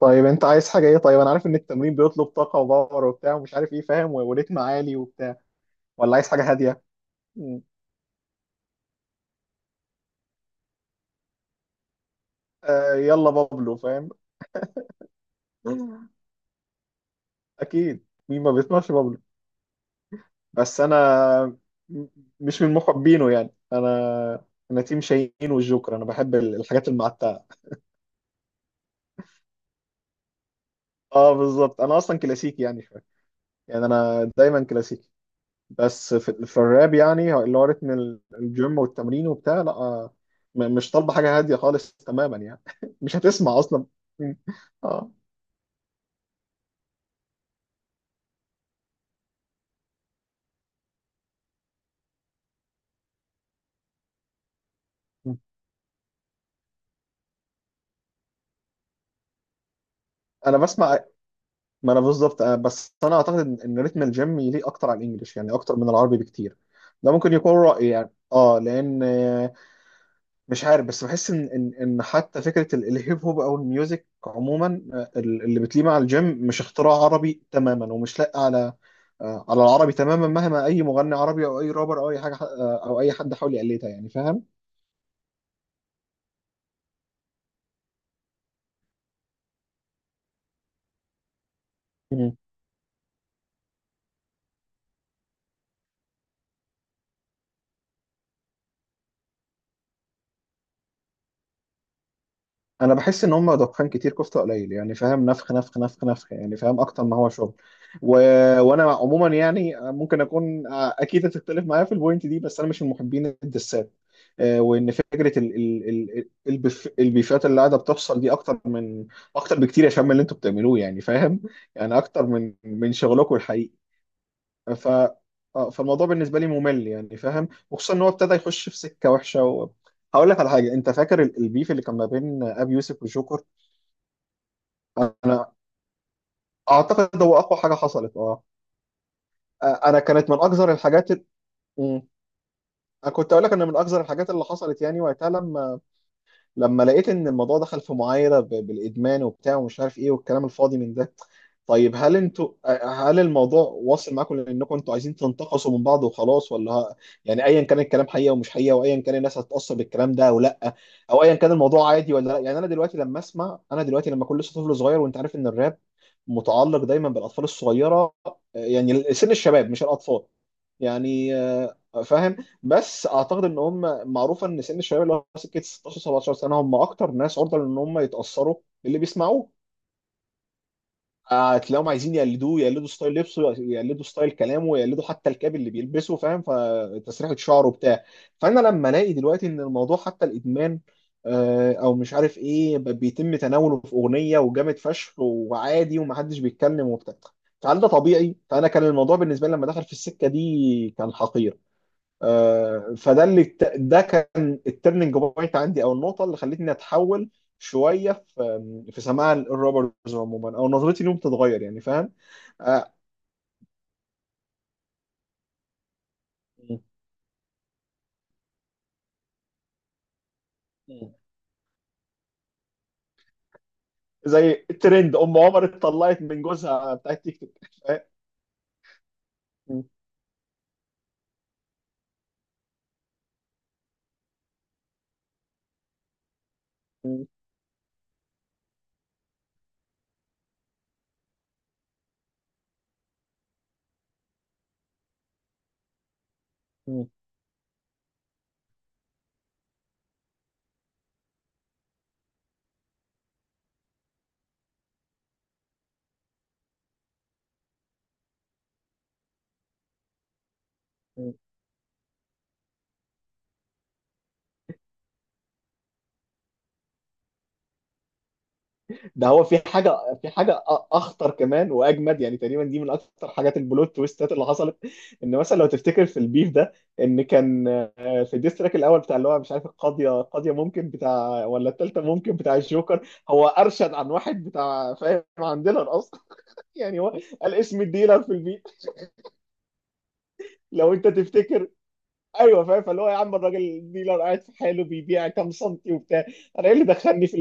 طيب انت عايز حاجه ايه؟ طيب انا عارف ان التمرين بيطلب طاقه وباور وبتاع ومش عارف ايه فاهم وريتم عالي وبتاع، ولا عايز حاجه هاديه؟ مم. آه يلا بابلو فاهم. مم. اكيد مين ما بيسمعش بابلو؟ بس انا م- مش من محبينه، يعني انا تيم شاهين والجوكر، انا بحب الحاجات المعتقه. اه بالظبط انا اصلا كلاسيكي يعني شويه، يعني انا دايما كلاسيكي. بس في الراب يعني اللي هو رتم الجيم والتمرين وبتاع لا. مش طالبه حاجه هاديه خالص تماما يعني. مش هتسمع اصلا. م. اه انا بسمع. ما انا بالظبط بس انا اعتقد ان رتم الجيم يليق اكتر على الانجليش يعني اكتر من العربي بكتير. ده ممكن يكون رايي يعني، اه لان مش عارف، بس بحس ان حتى فكره الهيب هوب او الميوزك عموما، اللي بتليه مع الجيم مش اختراع عربي تماما ومش لاقي على، على العربي تماما، مهما اي مغني عربي او اي رابر او اي حاجه او اي حد حاول يقلدها يعني فاهم. انا بحس ان هم دخان كتير كفته قليل يعني فاهم، نفخ نفخ نفخ نفخ يعني فاهم اكتر ما هو شغل. و... وانا عموما يعني ممكن اكون اكيد هتختلف معايا في البوينت دي، بس انا مش من محبين الدسات. وان فكره البيفات اللي قاعده بتحصل دي اكتر من، اكتر بكتير يا شباب من اللي انتوا بتعملوه يعني فاهم. يعني اكتر من شغلكم الحقيقي. ف آه، فالموضوع بالنسبه لي ممل يعني فاهم، وخصوصا ان هو ابتدى يخش في سكه وحشه هقول لك على حاجه. انت فاكر البيف اللي كان ما بين ابي يوسف وجوكر؟ انا اعتقد هو اقوى حاجه حصلت. اه انا كانت من اكثر مم. انا كنت اقول لك ان من اكثر الحاجات اللي حصلت يعني وقتها، لما لقيت ان الموضوع دخل في معايره بالادمان وبتاع ومش عارف ايه والكلام الفاضي من ده. طيب هل انتوا، هل الموضوع واصل معاكم لانكم انتوا عايزين تنتقصوا من بعض وخلاص؟ يعني ايا كان الكلام حقيقه ومش حقيقه، وايا كان الناس هتتاثر بالكلام ده او لا، او ايا كان الموضوع عادي ولا لا، يعني انا دلوقتي لما اسمع، انا دلوقتي لما كل لسه طفل صغير وانت عارف ان الراب متعلق دايما بالاطفال الصغيره، يعني سن الشباب مش الاطفال، يعني فاهم. بس اعتقد ان هم معروف ان سن الشباب اللي هو سكه 16 17 سنه هم اكتر ناس عرضه ان هم يتاثروا باللي بيسمعوه. هتلاقيهم عايزين يقلدوه، يقلدوا ستايل لبسه، يقلدوا ستايل كلامه، يقلدوا حتى الكاب اللي بيلبسه فاهم، فتسريحه شعره بتاع. فانا لما الاقي دلوقتي ان الموضوع حتى الادمان او مش عارف ايه بيتم تناوله في اغنيه وجامد فشخ وعادي ومحدش بيتكلم وبتاع، فهل ده طبيعي؟ فانا كان الموضوع بالنسبه لي لما دخل في السكه دي كان حقير. فده اللي، ده كان الترننج بوينت عندي او النقطه اللي خلتني اتحول شويه في، في سماع الروبرز عموما او نظرتي ليهم تتغير يعني فاهم. آه، مم. زي الترند ام عمر اتطلقت من جوزها بتاع التيك توك. فاهم؟ ده هو في حاجه، في حاجه أ- اخطر كمان واجمد، يعني تقريبا دي من اكتر حاجات البلوت تويستات اللي حصلت. ان مثلا لو تفتكر في البيف ده، ان كان في الديستراك الاول بتاع اللي هو مش عارف القاضيه ممكن بتاع ولا الثالثه ممكن بتاع، الجوكر هو ارشد عن واحد بتاع فاهم، عن ديلر اصلا. يعني هو قال اسم الديلر في البيف. لو انت تفتكر، ايوه فاهم، فاللي هو يا عم الراجل الديلر قاعد في حاله بيبيع كام سنتي وبتاع، انا ايه اللي دخلني في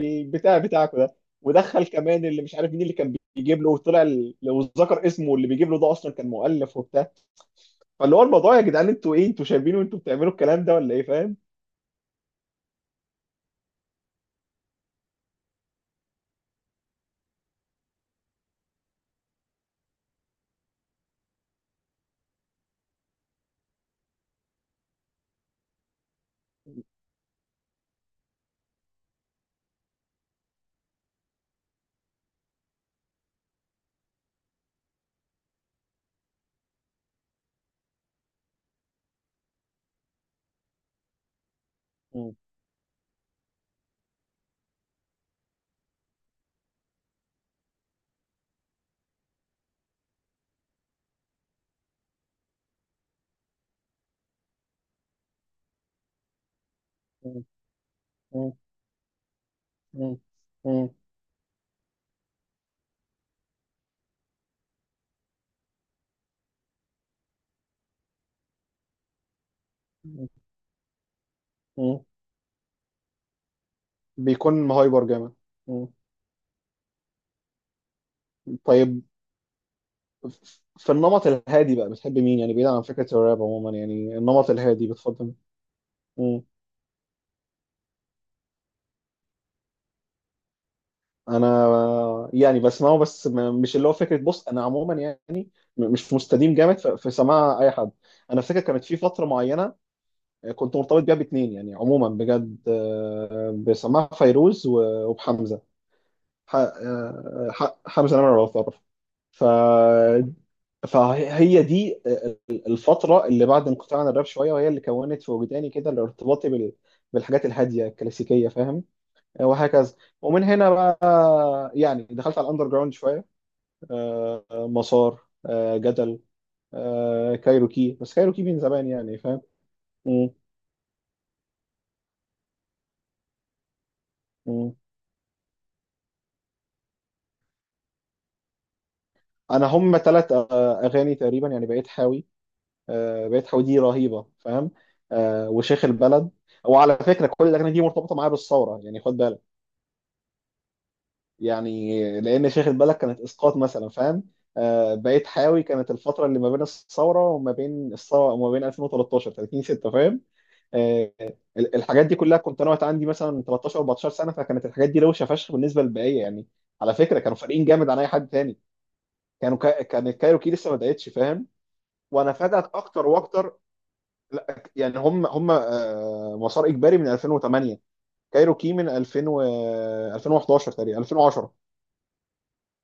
البتاع بتاعكم ده؟ ودخل كمان اللي مش عارف مين اللي كان بيجيب له، وطلع لو ذكر اسمه اللي بيجيب له ده اصلا كان مؤلف وبتاع. فاللي هو الموضوع يا جدعان، انتوا ايه؟ انتوا شايفين وانتوا بتعملوا الكلام ده ولا ايه فاهم؟ مم. مم. مم. مم. مم. مم. بيكون هايبر جامد. مم. طيب في النمط الهادي بقى بتحب مين؟ يعني بعيد عن فكرة الراب عموما، يعني النمط الهادي بتفضل مين؟ انا يعني بسمعه بس مش اللي هو فكره، بص انا عموما يعني مش مستديم جامد في سماع اي حد. انا فاكر كانت في فتره معينه كنت مرتبط بيها باتنين يعني عموما بجد، بسماع فيروز وبحمزه. حمزه نمره لو تعرف. ف فهي دي الفتره اللي بعد انقطاع عن الراب شويه، وهي اللي كونت في وجداني كده الارتباطي بالحاجات الهاديه الكلاسيكيه فاهم، وهكذا. ومن هنا بقى يعني دخلت على الاندر جراوند شويه، مسار جدل، كايروكي، بس كايروكي من زمان يعني فاهم. مم، مم. انا هم ثلاث اغاني تقريبا يعني، بقيت حاوي. بقيت حاوي دي رهيبه فاهم. وشيخ البلد. وعلى فكره كل الاغاني دي مرتبطه معايا بالثوره يعني خد بالك، يعني لان شيخ البلد كانت اسقاط مثلا فاهم. بقيت حاوي كانت الفتره اللي ما بين الثوره، وما بين 2013 30 6 فاهم. آه، الحاجات دي كلها كنت انا وقت عندي مثلا 13 14 سنه، فكانت الحاجات دي روشه فشخ بالنسبه للبقيه يعني. على فكره كانوا فارقين جامد عن اي حد تاني. كان الكايروكي لسه ما بداتش فاهم. وانا فادت اكتر واكتر. لا يعني هم هم آه، مسار اجباري من 2008، كايروكي من 2011 تقريبا 2010.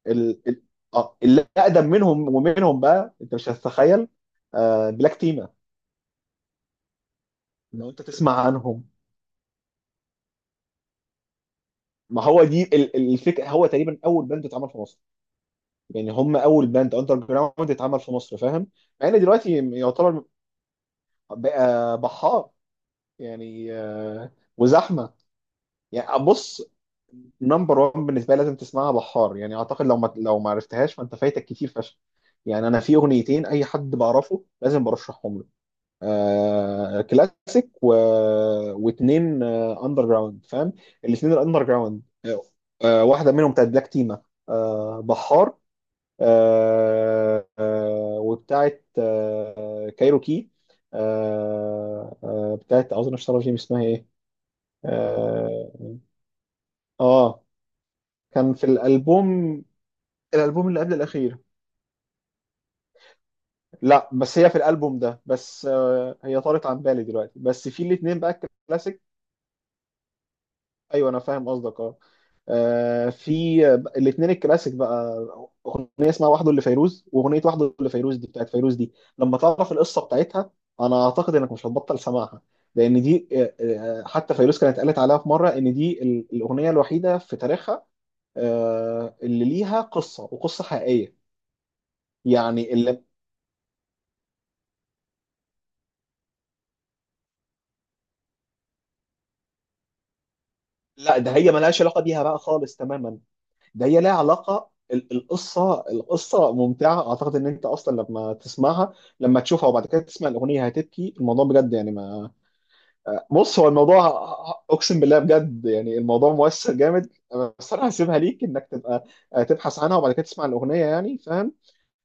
ال... ال... آه، اللي اقدم منهم ومنهم بقى انت مش هتتخيل، بلاك تيما لو انت تسمع عنهم. ما هو دي الفكره، هو تقريبا اول باند اتعمل في مصر، يعني هم اول باند اندر جراوند اتعمل في مصر فاهم. مع ان دلوقتي يعتبر، بقى بحار يعني وزحمه. يعني بص، نمبر 1 بالنسبه لي لازم تسمعها، بحار يعني اعتقد لو ما، لو ما عرفتهاش فانت فايتك كتير فشخ. يعني انا في اغنيتين اي حد بعرفه لازم برشحهم له، آه كلاسيك واتنين آه اندر جراوند فاهم. الاتنين الاندر جراوند آه، واحده منهم بتاعت بلاك تيما آه بحار، آه، آه، وبتاعت آه، كايروكي، بتاعت اظن اشتغل جيم، اسمها ايه؟ اه آه، كان في الالبوم، الالبوم اللي قبل الاخير. لا بس هي في الالبوم ده بس هي طارت عن بالي دلوقتي، بس في الاثنين بقى الكلاسيك. ايوه انا فاهم قصدك اه. آه، في الاثنين الكلاسيك بقى، اغنيه اسمها وحده اللي فيروز، واغنيه وحده اللي فيروز دي بتاعت فيروز دي، لما تعرف القصه بتاعتها انا اعتقد انك مش هتبطل سماعها، لان دي حتى فيروز كانت قالت عليها في مره ان دي الاغنيه الوحيده في تاريخها اللي ليها قصه وقصه حقيقيه، يعني اللي، لا ده هي ملهاش علاقه بيها بقى خالص تماما. ده هي لها علاقه القصه ممتعه، اعتقد ان انت اصلا لما تسمعها، لما تشوفها وبعد كده تسمع الاغنيه هتبكي، الموضوع بجد يعني ما، بص هو الموضوع، اقسم بالله بجد يعني الموضوع مؤثر جامد. بس انا هسيبها ليك انك تبقى تبحث عنها وبعد كده تسمع الاغنيه يعني فاهم.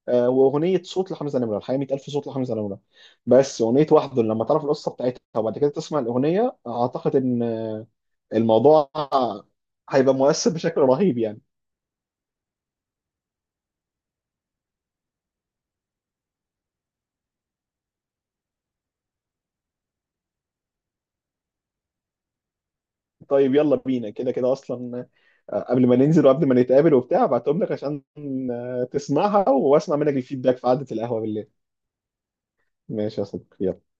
واغنيه صوت لحمزه نمره، الحقيقه 100,000 صوت لحمزه نمره. بس اغنيه وحده لما تعرف القصه بتاعتها وبعد كده تسمع الاغنيه اعتقد ان الموضوع هيبقى مؤثر بشكل رهيب يعني. طيب يلا بينا كده، كده اصلا قبل ما ننزل وقبل ما نتقابل وبتاع ابعتهم لك عشان تسمعها واسمع منك الفيدباك في قعدة القهوة بالليل. ماشي يا صديقي يلا.